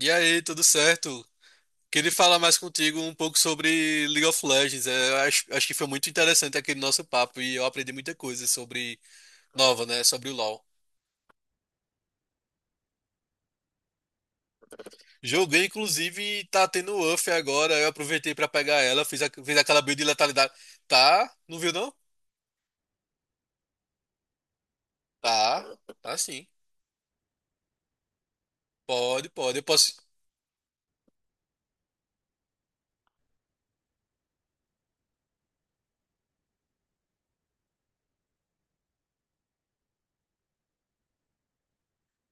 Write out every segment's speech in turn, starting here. E aí, tudo certo? Queria falar mais contigo um pouco sobre League of Legends. É, eu acho que foi muito interessante aquele nosso papo e eu aprendi muita coisa sobre nova, né? Sobre o LoL. Joguei, inclusive, tá tendo UF agora. Eu aproveitei pra pegar ela, fiz aquela build de letalidade. Tá? Não viu, não? Tá, tá sim. Pode, pode. Eu posso.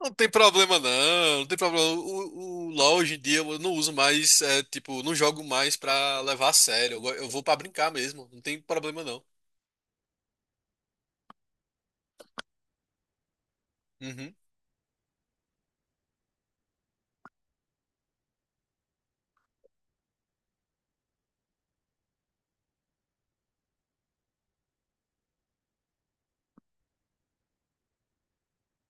Não tem problema, não. Não tem problema. O LoL hoje em dia eu não uso mais, é, tipo, não jogo mais pra levar a sério. Eu vou pra brincar mesmo. Não tem problema, não. Uhum,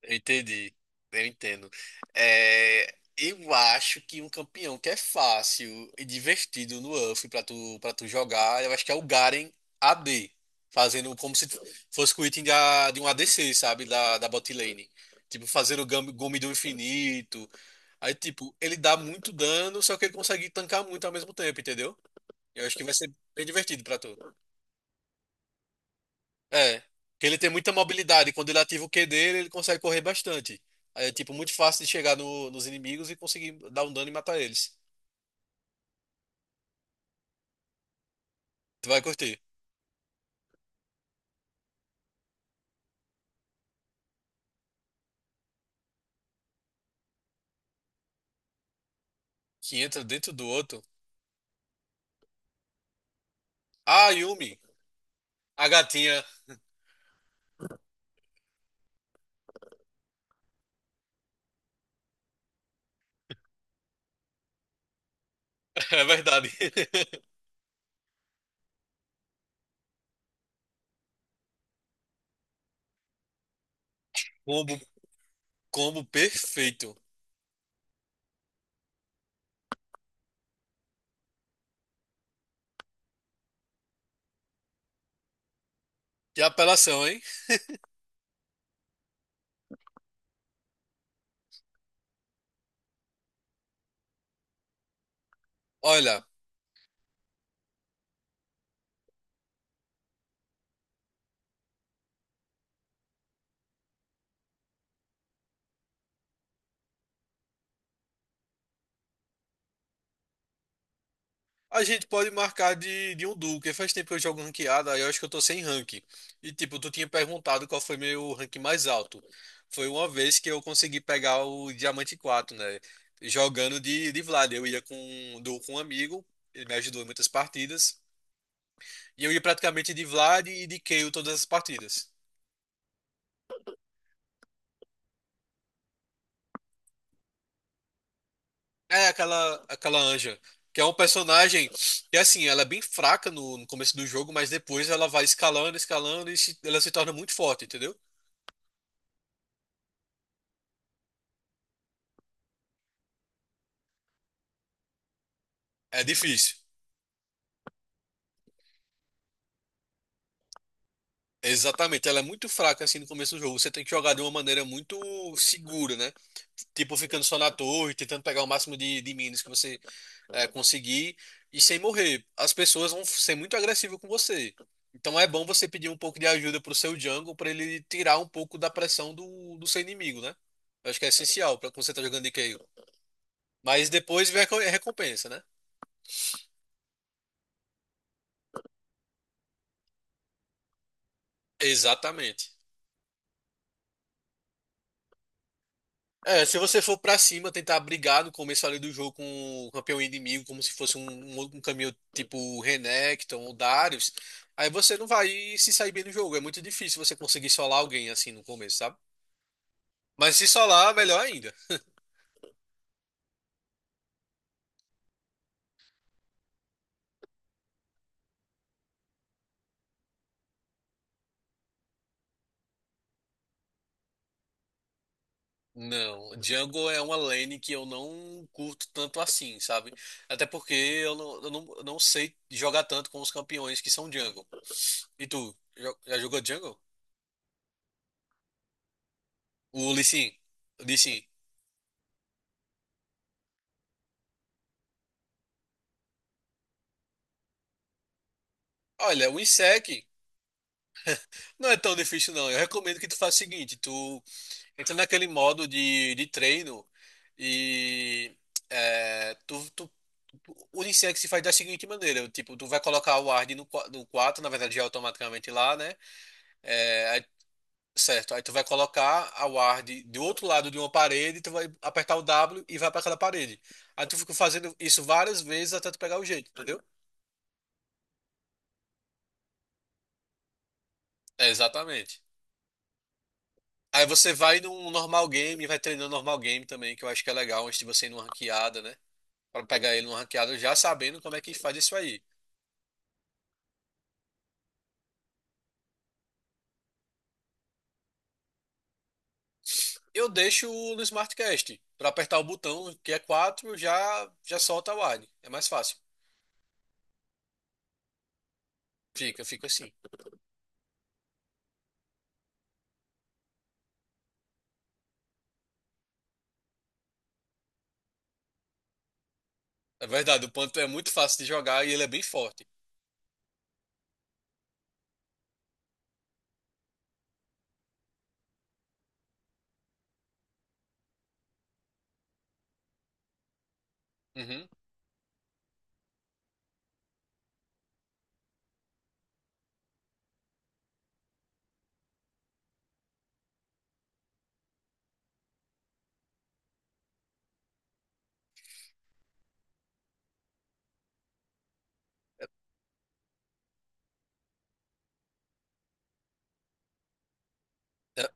eu entendi, eu entendo. É, eu acho que um campeão que é fácil e divertido no UF para tu jogar, eu acho que é o Garen AD, fazendo como se fosse o item de um ADC, sabe, da bot lane. Tipo, fazendo o Gome do Infinito. Aí, tipo, ele dá muito dano, só que ele consegue tancar muito ao mesmo tempo, entendeu? Eu acho que vai ser bem divertido pra tu. É, porque ele tem muita mobilidade. Quando ele ativa o Q dele, ele consegue correr bastante. Aí é tipo muito fácil de chegar nos inimigos e conseguir dar um dano e matar eles. Tu vai curtir. Que entra dentro do outro. Ah, Yumi, a gatinha. É verdade. Combo, combo perfeito. Que apelação, hein? Olha. A gente pode marcar de um duo, porque faz tempo que eu jogo ranqueada, aí eu acho que eu tô sem rank. E tipo, tu tinha perguntado qual foi meu rank mais alto. Foi uma vez que eu consegui pegar o Diamante quatro, né? Jogando de Vlad. Eu ia com um duo com um amigo, ele me ajudou em muitas partidas. E eu ia praticamente de Vlad e de Kayle todas as partidas. É aquela Anja, que é um personagem que assim, ela é bem fraca no começo do jogo, mas depois ela vai escalando, escalando e ela se torna muito forte, entendeu? É difícil. Exatamente, ela é muito fraca assim no começo do jogo. Você tem que jogar de uma maneira muito segura, né? Tipo, ficando só na torre, tentando pegar o máximo de minas que você conseguir e sem morrer. As pessoas vão ser muito agressivas com você. Então é bom você pedir um pouco de ajuda pro seu jungle pra ele tirar um pouco da pressão do seu inimigo, né? Eu acho que é essencial pra quando você tá jogando de Kayle. Mas depois vem a recompensa, né? Exatamente. É, se você for pra cima, tentar brigar no começo ali do jogo com o campeão inimigo, como se fosse um caminho tipo Renekton ou Darius, aí você não vai se sair bem no jogo. É muito difícil você conseguir solar alguém assim no começo, sabe? Mas se solar, melhor ainda. Não, jungle é uma lane que eu não curto tanto assim, sabe? Até porque eu não sei jogar tanto com os campeões que são jungle. E tu, já jogou jungle? O Lee Sin. O Lee Sin. Olha, o Insec. Não é tão difícil, não. Eu recomendo que tu faça o seguinte, tu entra naquele modo de treino e é, tu, tu, o Unisex se faz da seguinte maneira, tipo, tu vai colocar o Ward no 4, na verdade já é automaticamente lá, né? É, aí- certo, aí tu vai colocar a Ward do outro lado de uma parede, tu vai apertar o W e vai para aquela parede. Aí tu fica fazendo isso várias vezes até tu pegar o jeito, entendeu? É, exatamente. Aí você vai num normal game, e vai treinando normal game também, que eu acho que é legal antes de você ir numa ranqueada, né? Pra pegar ele numa ranqueada já sabendo como é que faz isso aí. Eu deixo no Smartcast, pra apertar o botão que é 4 já já solta o Ward. É mais fácil. Fica, fica assim. É verdade, o Panto é muito fácil de jogar e ele é bem forte. Uhum. É, é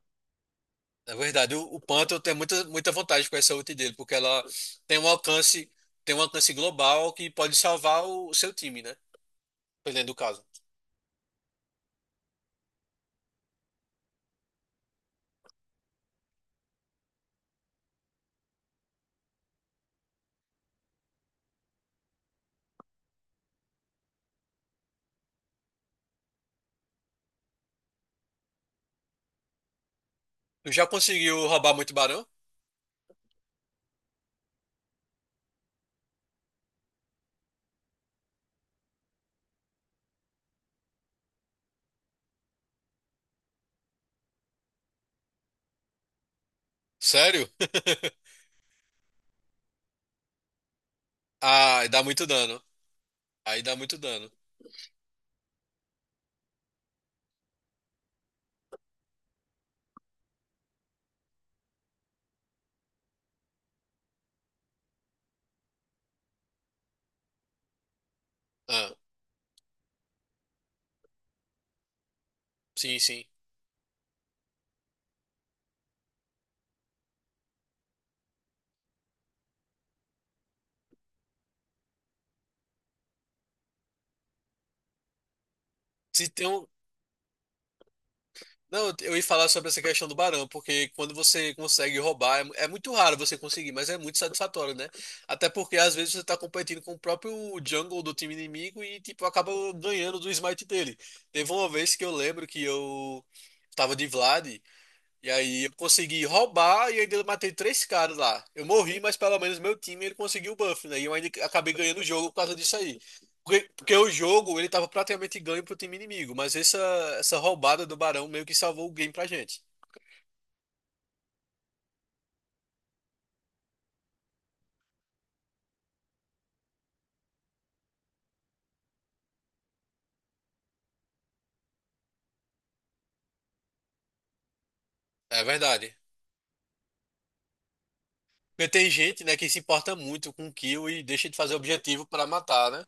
é verdade, o Panto tem muita, muita vantagem com essa ult dele, porque ela tem um alcance, tem um alcance global que pode salvar o seu time, né? Dependendo do caso. Tu já conseguiu roubar muito barão? Sério? Ah, dá muito dano. Aí dá muito dano. Ah, sim, sim. Se tem um... Não, eu ia falar sobre essa questão do barão, porque quando você consegue roubar, é muito raro você conseguir, mas é muito satisfatório, né? Até porque às vezes você tá competindo com o próprio jungle do time inimigo e, tipo, acaba ganhando do smite dele. Teve uma vez que eu lembro que eu tava de Vlad. E aí eu consegui roubar e ainda eu matei três caras lá. Eu morri, mas pelo menos meu time ele conseguiu o buff, né? E eu ainda acabei ganhando o jogo por causa disso aí. Porque o jogo ele tava praticamente ganho pro time inimigo, mas essa roubada do Barão meio que salvou o game pra gente. É verdade. Porque tem gente, né, que se importa muito com kill e deixa de fazer objetivo pra matar, né?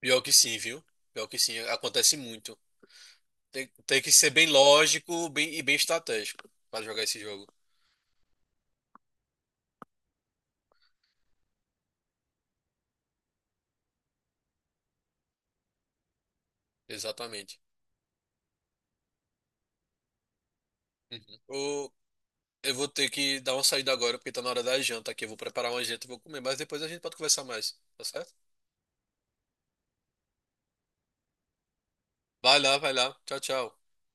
Pior que sim, viu? Pior que sim, acontece muito. Tem que ser bem lógico, bem e bem estratégico pra jogar esse jogo. Exatamente. Uhum. Eu vou ter que dar uma saída agora, porque tá na hora da janta aqui. Eu vou preparar uma janta e vou comer, mas depois a gente pode conversar mais, tá certo? Vai lá, vai lá. Tchau, tchau.